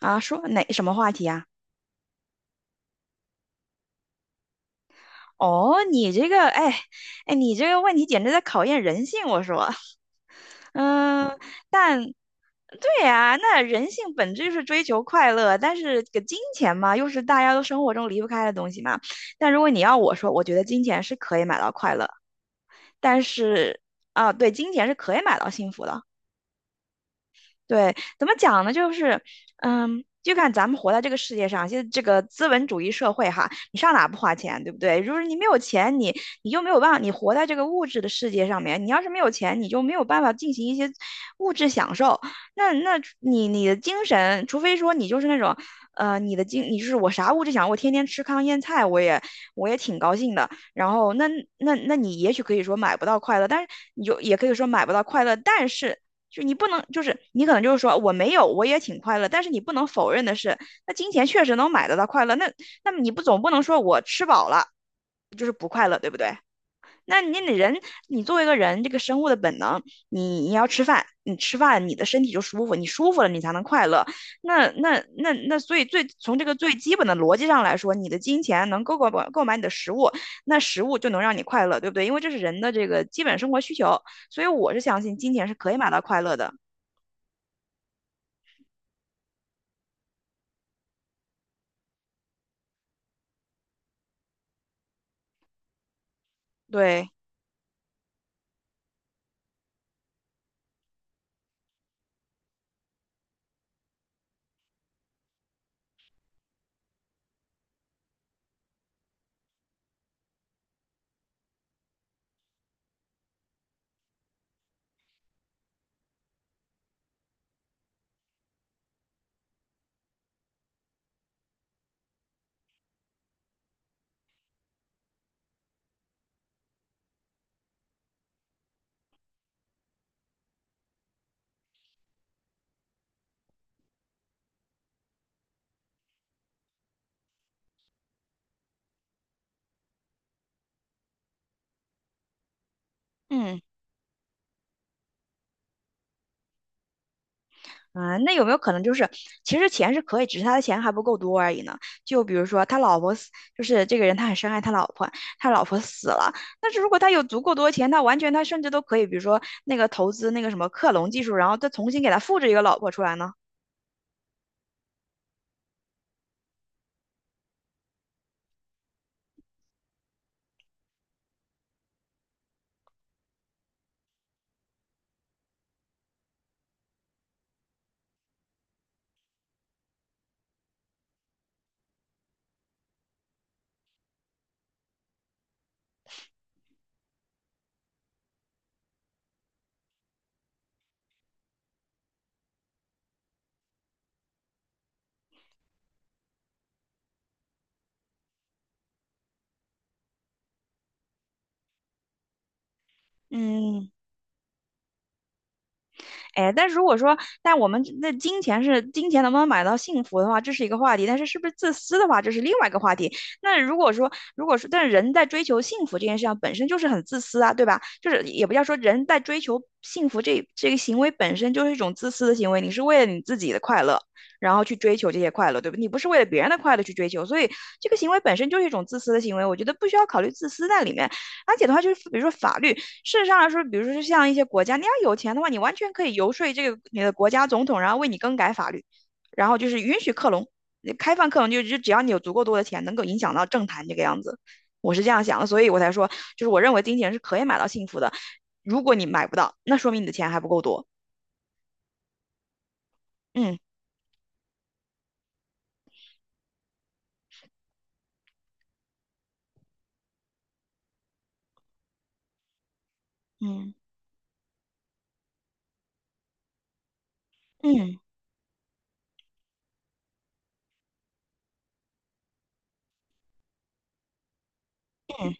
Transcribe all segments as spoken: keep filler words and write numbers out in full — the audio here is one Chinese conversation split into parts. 啊，说哪什么话题啊？哦，你这个，哎，哎，你这个问题简直在考验人性，我说，嗯，但对呀，那人性本质就是追求快乐，但是这个金钱嘛，又是大家都生活中离不开的东西嘛。但如果你要我说，我觉得金钱是可以买到快乐，但是啊，对，金钱是可以买到幸福的。对，怎么讲呢？就是，嗯，就看咱们活在这个世界上，现在这个资本主义社会哈，你上哪不花钱，对不对？如果你没有钱，你你就没有办法，你活在这个物质的世界上面，你要是没有钱，你就没有办法进行一些物质享受。那那你你的精神，除非说你就是那种，呃，你的精，你就是我啥物质享受，我天天吃糠咽菜，我也我也挺高兴的。然后那那那你也许可以说买不到快乐，但是你就也可以说买不到快乐，但是就你不能，就是你可能就是说我没有，我也挺快乐，但是你不能否认的是，那金钱确实能买得到快乐，那那么你不总不能说我吃饱了就是不快乐，对不对？那你你人，你作为一个人，这个生物的本能，你你要吃饭，你吃饭，你的身体就舒服，你舒服了，你才能快乐。那那那那，所以最从这个最基本的逻辑上来说，你的金钱能够够买购买你的食物，那食物就能让你快乐，对不对？因为这是人的这个基本生活需求，所以我是相信金钱是可以买到快乐的。对，嗯啊，那有没有可能就是，其实钱是可以，只是他的钱还不够多而已呢？就比如说他老婆死，就是这个人他很深爱他老婆，他老婆死了，但是如果他有足够多钱，他完全他甚至都可以，比如说那个投资那个什么克隆技术，然后再重新给他复制一个老婆出来呢？嗯，哎，但如果说，但我们那金钱是金钱能不能买到幸福的话，这是一个话题；但是是不是自私的话，这是另外一个话题。那如果说，如果说，但人在追求幸福这件事上本身就是很自私啊，对吧？就是也不要说人在追求幸福这这个行为本身就是一种自私的行为，你是为了你自己的快乐，然后去追求这些快乐，对吧？你不是为了别人的快乐去追求，所以这个行为本身就是一种自私的行为，我觉得不需要考虑自私在里面。而且的话，就是比如说法律。事实上来说，比如说像一些国家，你要有钱的话，你完全可以游说这个你的国家总统，然后为你更改法律，然后就是允许克隆，开放克隆，就就只要你有足够多的钱，能够影响到政坛这个样子。我是这样想的，所以我才说，就是我认为金钱是可以买到幸福的。如果你买不到，那说明你的钱还不够多。嗯嗯嗯嗯，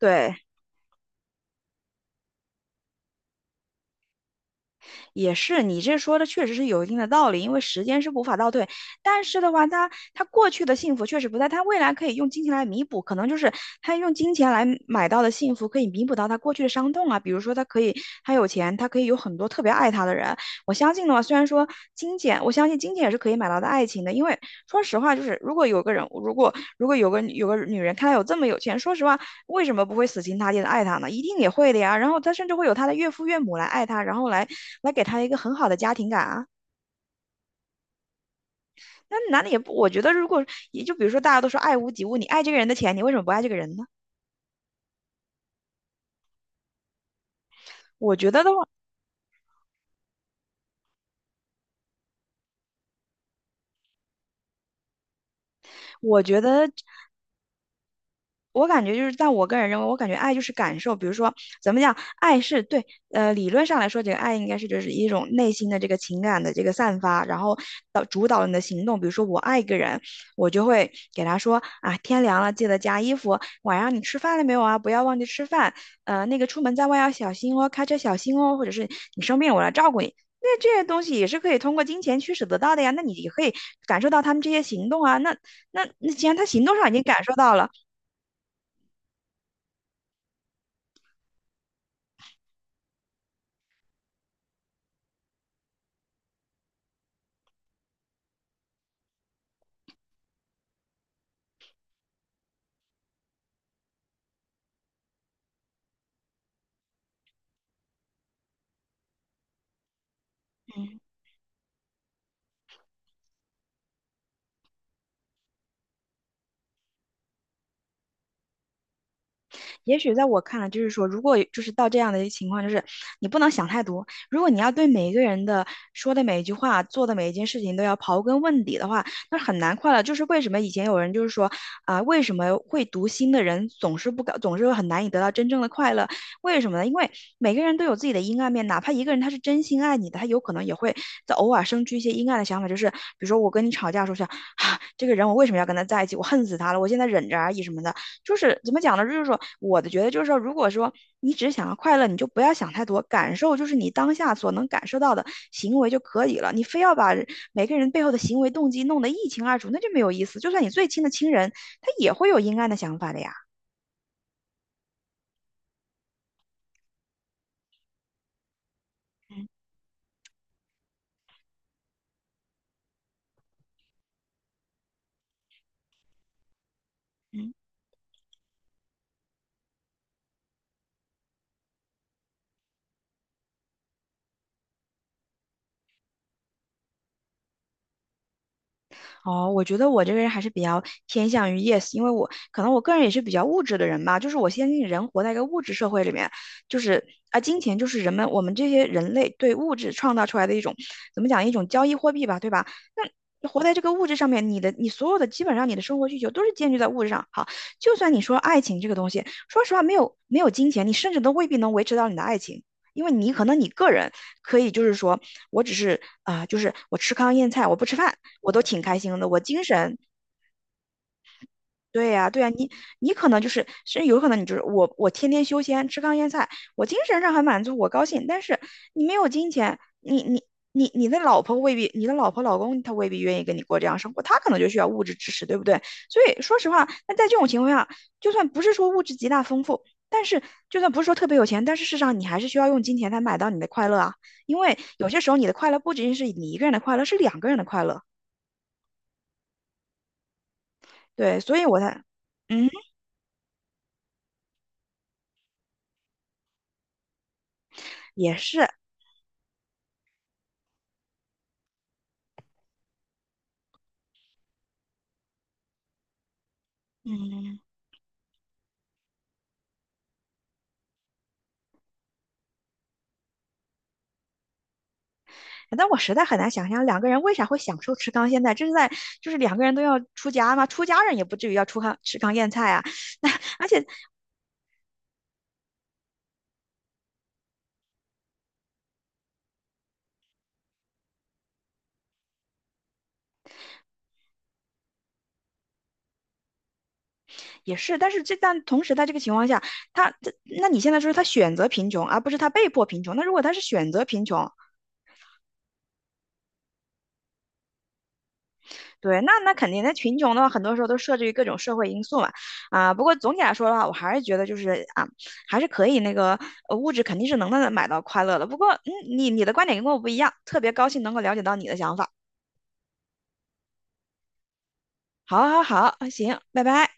对。也是，你这说的确实是有一定的道理，因为时间是无法倒退。但是的话，他他过去的幸福确实不在，他未来可以用金钱来弥补，可能就是他用金钱来买到的幸福，可以弥补到他过去的伤痛啊。比如说，他可以他有钱，他可以有很多特别爱他的人。我相信的话，虽然说金钱，我相信金钱也是可以买到的爱情的，因为说实话，就是如果有个人，如果如果有个有个女人看他有这么有钱，说实话，为什么不会死心塌地的爱他呢？一定也会的呀。然后他甚至会有他的岳父岳母来爱他，然后来来给他一个很好的家庭感啊。那男的也不，我觉得如果也就比如说大家都说爱屋及乌，你爱这个人的钱，你为什么不爱这个人呢？我觉得的话，我觉得我感觉就是，但我个人认为，我感觉爱就是感受。比如说，怎么讲，爱是对，呃，理论上来说，这个爱应该是就是一种内心的这个情感的这个散发，然后导主导你的行动。比如说，我爱一个人，我就会给他说啊，天凉了记得加衣服，晚上你吃饭了没有啊？不要忘记吃饭。呃，那个出门在外要小心哦，开车小心哦，或者是你生病我来照顾你。那这些东西也是可以通过金钱驱使得到的呀。那你也可以感受到他们这些行动啊。那那那既然他行动上已经感受到了。也许在我看来，就是说，如果就是到这样的一个情况，就是你不能想太多。如果你要对每一个人的说的每一句话、做的每一件事情都要刨根问底的话，那很难快乐。就是为什么以前有人就是说啊，为什么会读心的人总是不搞，总是很难以得到真正的快乐？为什么呢？因为每个人都有自己的阴暗面，哪怕一个人他是真心爱你的，他有可能也会在偶尔生出一些阴暗的想法，就是比如说我跟你吵架的时候想啊，这个人我为什么要跟他在一起？我恨死他了，我现在忍着而已什么的。就是怎么讲呢？就是说，我的觉得就是说，如果说你只是想要快乐，你就不要想太多，感受就是你当下所能感受到的行为就可以了。你非要把每个人背后的行为动机弄得一清二楚，那就没有意思。就算你最亲的亲人，他也会有阴暗的想法的呀。嗯。哦，我觉得我这个人还是比较偏向于 yes，因为我可能我个人也是比较物质的人吧，就是我相信人活在一个物质社会里面，就是啊，金钱就是人们我们这些人类对物质创造出来的一种怎么讲一种交易货币吧，对吧？那活在这个物质上面，你的你所有的基本上你的生活需求都是建立在物质上。好，就算你说爱情这个东西，说实话，没有没有金钱，你甚至都未必能维持到你的爱情，因为你可能你个人。可以就是说我只是啊、呃就是我吃糠咽菜，我不吃饭，我都挺开心的，我精神对呀，对呀，你你可能就是，甚至有可能你就是我，我天天修仙吃糠咽菜，我精神上很满足，我高兴，但是你没有金钱，你你你你的老婆未必，你的老婆老公他未必愿意跟你过这样生活，他可能就需要物质支持，对不对？所以说实话，那在这种情况下，就算不是说物质极大丰富，但是就算不是说特别有钱，但是事实上你还是需要用金钱才买到你的快乐啊，因为有些时候你的快乐不仅仅是你一个人的快乐，是两个人的快乐，对，所以我才，嗯，也是，嗯。但我实在很难想象两个人为啥会享受吃糠咽菜，这是在就是两个人都要出家嘛，出家人也不至于要出糠吃糠咽菜啊。那而且也是，但是这但同时在这个情况下，他这，那你现在说他选择贫穷，而不是他被迫贫穷。那如果他是选择贫穷，对，那那肯定那贫穷的话，很多时候都设置于各种社会因素嘛。啊，不过总体来说的话，我还是觉得就是啊，还是可以那个呃物质肯定是能能买到快乐的。不过嗯，你你的观点跟我不一样，特别高兴能够了解到你的想法。好，好，好，行，拜拜。